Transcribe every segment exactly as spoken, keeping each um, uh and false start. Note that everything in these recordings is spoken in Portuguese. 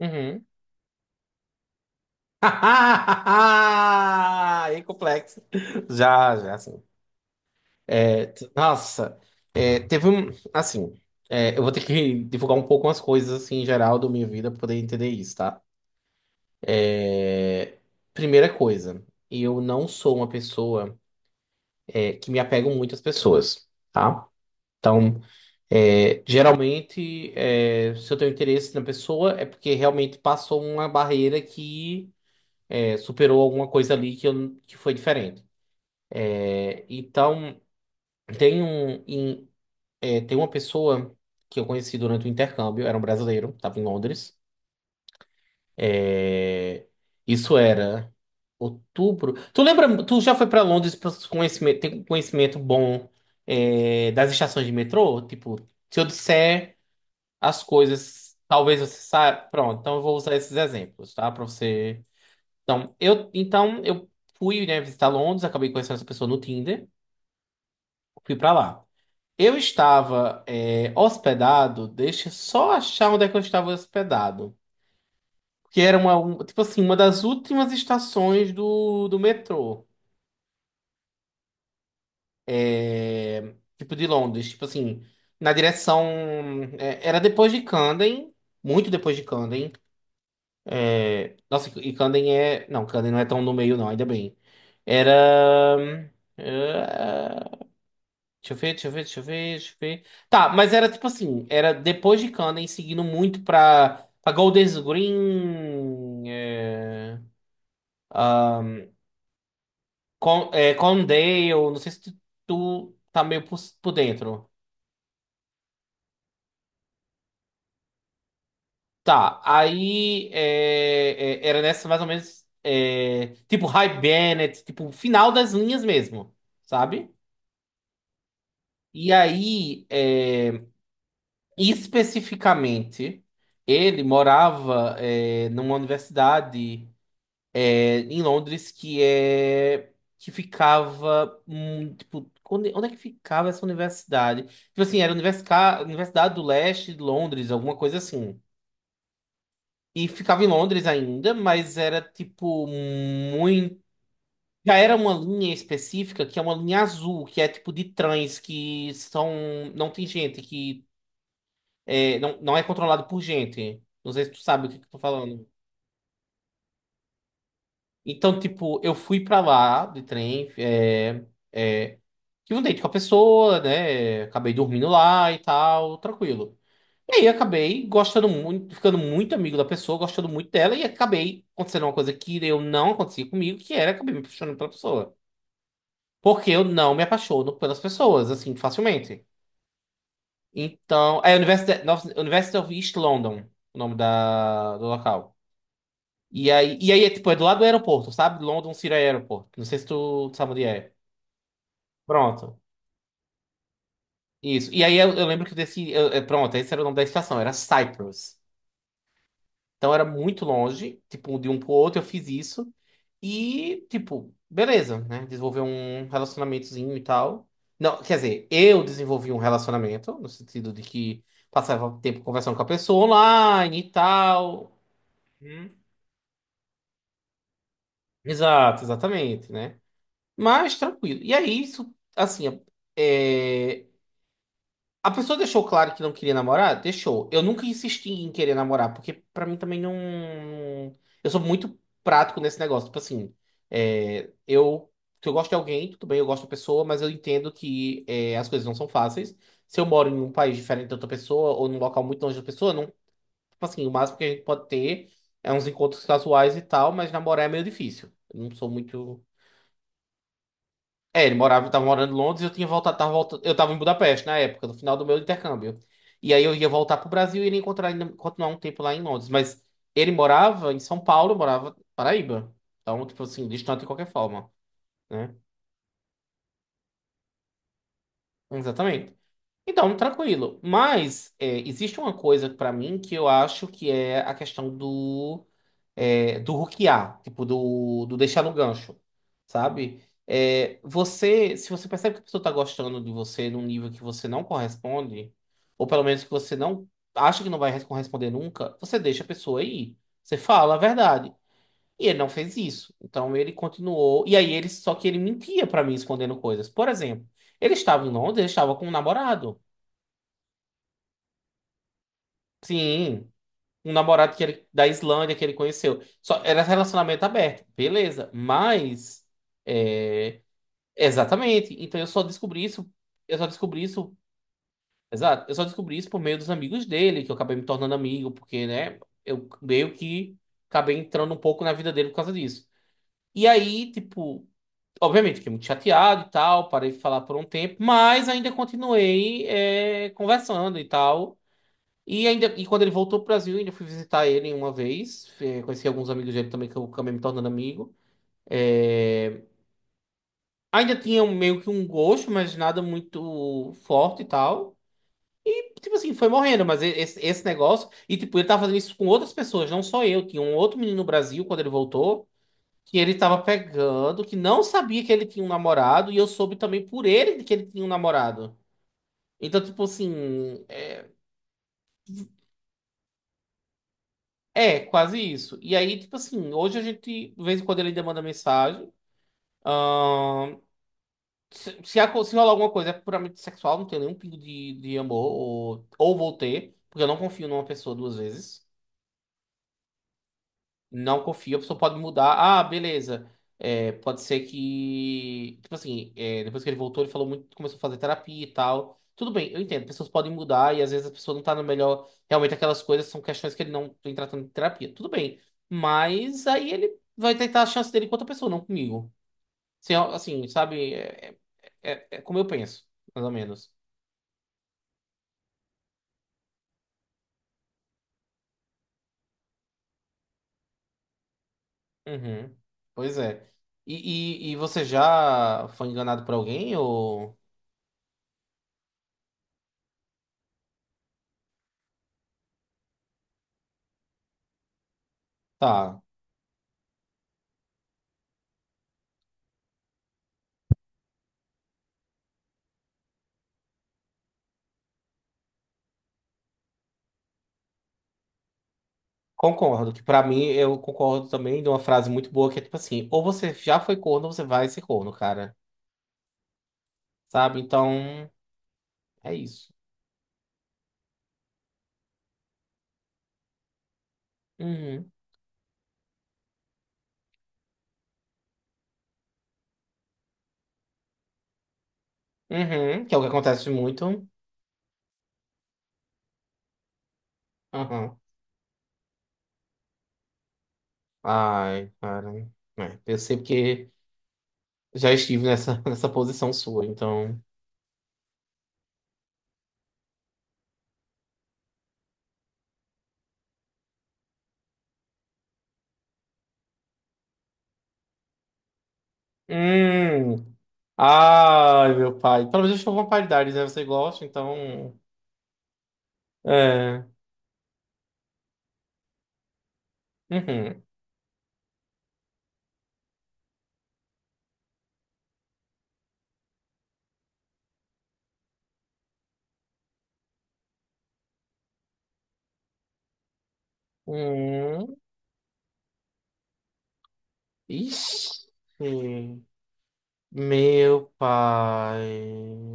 Uhum. E complexo. Já, já, assim. É, t- nossa, é, teve um. Assim, é, eu vou ter que divulgar um pouco umas coisas, assim, em geral da minha vida pra poder entender isso, tá? É, primeira coisa, eu não sou uma pessoa, é, que me apego muito às pessoas, tá? Então, é, geralmente, é, se eu tenho interesse na pessoa, é porque realmente passou uma barreira que. é, superou alguma coisa ali que, eu, que foi diferente. É, então, tem um, em- é, tem uma pessoa que eu conheci durante o intercâmbio, era um brasileiro, estava em Londres. É, isso era outubro. Tu lembra, tu já foi para Londres pra conhecimento, tem conhecimento bom é, das estações de metrô? Tipo, se eu disser as coisas, talvez você saiba. Pronto, então eu vou usar esses exemplos, tá? Para você. Então, eu, então, eu fui, né, visitar Londres, acabei conhecendo essa pessoa no Tinder. Fui pra lá. Eu estava é, hospedado, deixa eu só achar onde é que eu estava hospedado. Que era uma, um- tipo assim, uma das últimas estações do, do metrô. É, tipo de Londres, tipo assim, na direção. É, era depois de Camden, muito depois de Camden. É, nossa, e Camden é. Não, Camden não é tão no meio, não, ainda bem. Era. é, Deixa eu ver, deixa eu ver, deixa eu ver, deixa eu ver. Tá, mas era tipo assim, era depois de Kanen, seguindo muito pra, pra Golders Green, é, ahn, Con, é, Condale, não sei se tu, tu tá meio por, por dentro. Tá, aí é, é, era nessa mais ou menos, é, tipo High Bennett, tipo final das linhas mesmo, sabe? E aí, é, especificamente, ele morava é, numa universidade em Londres que é que ficava hum, tipo onde, onde é que ficava essa universidade? Tipo assim, era Universica- Universidade do Leste de Londres, alguma coisa assim. E ficava em Londres ainda, mas era tipo muito. Já era uma linha específica que é uma linha azul, que é tipo de trens que são. Não tem gente, que é, não, não é controlado por gente. Não sei se tu sabe o que que eu tô falando. Então, tipo, eu fui pra lá de trem, é, é, tive um date com a pessoa, né? Acabei dormindo lá e tal, tranquilo. E aí acabei gostando muito, ficando muito amigo da pessoa, gostando muito dela, e acabei acontecendo uma coisa que eu não acontecia comigo, que era acabei me apaixonando pela pessoa. Porque eu não me apaixono pelas pessoas, assim, facilmente. Então, é University, Nova- University of East London, o nome da, do local. E aí, e aí é tipo, é do lado do aeroporto, sabe? London City Airport. Não sei se tu sabe onde é. Pronto. Isso. E aí eu, eu lembro que desse. Eu- eu- pronto, esse era o nome da estação, era Cyprus. Então era muito longe, tipo, um de um pro outro, eu fiz isso. E, tipo, beleza, né? Desenvolver um relacionamentozinho e tal. Não, quer dizer, eu desenvolvi um relacionamento, no sentido de que passava tempo conversando com a pessoa online e tal. Hum. Exato, exatamente, né? Mas tranquilo. E aí, isso, assim, é. A pessoa deixou claro que não queria namorar? Deixou. Eu nunca insisti em querer namorar, porque pra mim também não. Eu sou muito prático nesse negócio. Tipo assim, é, eu. Se eu gosto de alguém, tudo bem, eu gosto da pessoa, mas eu entendo que é, as coisas não são fáceis. Se eu moro em um país diferente da outra pessoa, ou num local muito longe da pessoa, não. Tipo assim, o máximo que a gente pode ter é uns encontros casuais e tal, mas namorar é meio difícil. Eu não sou muito. É, ele morava, eu tava morando em Londres, eu tinha voltado, tava voltando, eu tava em Budapeste na época, no final do meu intercâmbio. E aí eu ia voltar pro Brasil e iria encontrar ainda, continuar um tempo lá em Londres, mas ele morava em São Paulo, eu morava em Paraíba. Então, tipo assim, distante de qualquer forma, né? Exatamente. Então, tranquilo. Mas é, existe uma coisa pra mim que eu acho que é a questão do é, do hookear, tipo do, do deixar no gancho, sabe? É, você, se você percebe que a pessoa tá gostando de você num nível que você não corresponde, ou pelo menos que você não acha que não vai corresponder nunca, você deixa a pessoa ir. Você fala a verdade. E ele não fez isso. Então ele continuou. E aí ele só que ele mentia pra mim escondendo coisas. Por exemplo, ele estava em Londres, ele estava com um namorado. Sim, um namorado que ele, da Islândia que ele conheceu. Só era relacionamento aberto, beleza. Mas é, exatamente. Então eu só descobri isso, eu só descobri isso, exato. Eu só descobri isso por meio dos amigos dele, que eu acabei me tornando amigo, porque, né, eu meio que acabei entrando um pouco na vida dele por causa disso. E aí, tipo, obviamente, fiquei muito chateado e tal, parei de falar por um tempo, mas ainda continuei é, conversando e tal. E ainda e quando ele voltou pro Brasil, eu ainda fui visitar ele uma vez. eh, Conheci alguns amigos dele também que eu acabei me tornando amigo. Eh, Ainda tinha um- meio que um gosto, mas nada muito forte e tal. E, tipo assim, foi morrendo, mas e- esse, esse negócio. E tipo, ele tava fazendo isso com outras pessoas, não só eu. Tinha um outro menino no Brasil quando ele voltou. Que ele tava pegando, que não sabia que ele tinha um namorado, e eu soube também por ele que ele tinha um namorado. Então, tipo assim, é. É, quase isso. E aí, tipo assim, hoje a gente, de vez em quando ele ainda manda mensagem. Ahn, se, se, a co- se rolar alguma coisa é puramente sexual, não tenho nenhum pingo de, de amor, ou, ou vou ter, porque eu não confio numa pessoa duas vezes. Não confio, a pessoa pode mudar. Ah, beleza. É, pode ser que. Tipo assim, é, Depois que ele voltou, ele falou muito, começou a fazer terapia e tal. Tudo bem, eu entendo, pessoas podem mudar e às vezes a pessoa não tá no melhor. Realmente aquelas coisas são questões que ele não tem tratando de terapia. Tudo bem. Mas aí ele vai tentar a chance dele com outra pessoa, não comigo. Assim, ó, assim, sabe? É, é- é como eu penso, mais ou menos. Uhum. Pois é. E, e, e você já foi enganado por alguém ou. Tá. Concordo, que pra mim eu concordo também de uma frase muito boa que é tipo assim, ou você já foi corno, ou você vai ser corno, cara. Sabe? Então, é isso. Uhum. Uhum. Que é o que acontece muito. Uhum. Ai, cara. É, eu sei porque já estive nessa, nessa posição sua, então. Hum. Ai, meu pai. Pelo menos eu estou com uma paridade, né? Você gosta, então. É. Uhum. Uhum. Ixi. Meu pai.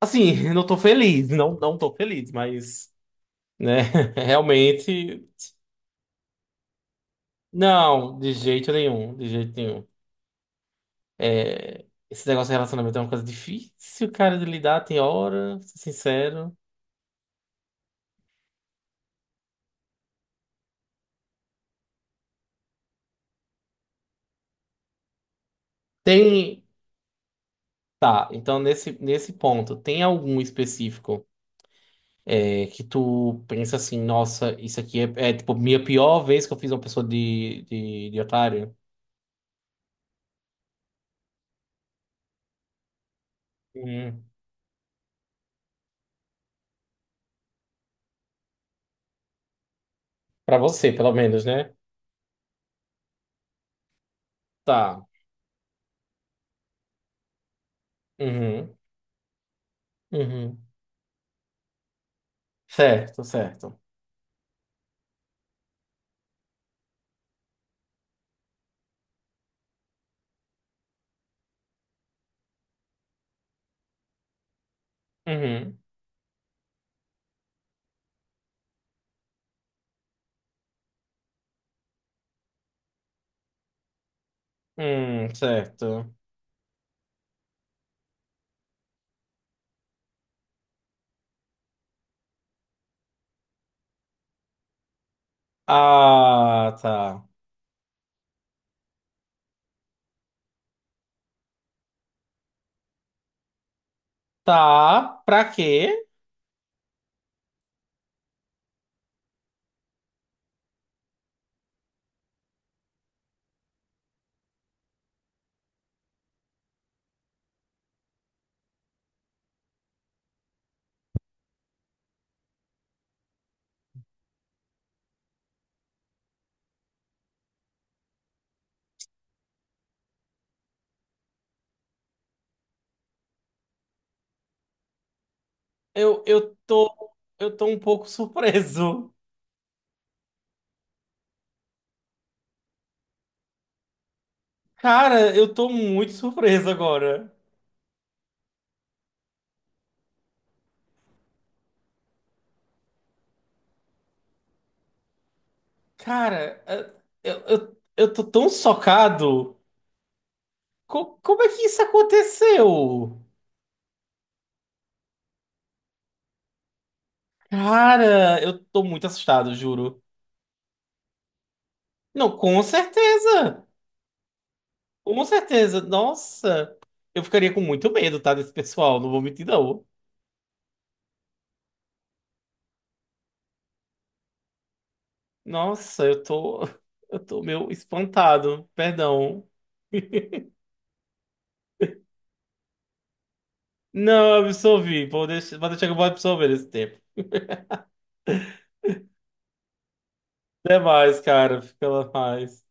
Assim, não tô feliz, não, não tô feliz, mas, né, realmente, não, de jeito nenhum, de jeito nenhum. É, esse negócio de relacionamento é uma coisa difícil, cara, de lidar, tem hora, vou ser sincero. Tem, tá, então nesse, nesse ponto, tem algum específico é, que tu pensa assim, nossa, isso aqui é, é, tipo, minha pior vez que eu fiz uma pessoa de, de, de otário? Hum, pra você, pelo menos, né? Tá. Uhum, uhum. Certo, certo. Uhum, hum, certo. Ah, tá. Tá, pra quê? Eu, eu tô, eu tô um pouco surpreso. Cara, eu tô muito surpreso agora. Cara, eh, eu, eu, eu tô tão socado. Co- como é que isso aconteceu? Cara, eu tô muito assustado, juro. Não, com certeza. Com certeza, nossa, eu ficaria com muito medo, tá, desse pessoal, não vou mentir não. Nossa, eu tô, eu tô meio espantado, perdão. Não, eu absorvi, vou deixar, vou deixar que eu vou absorver esse tempo. Até mais, cara, fica lá mais.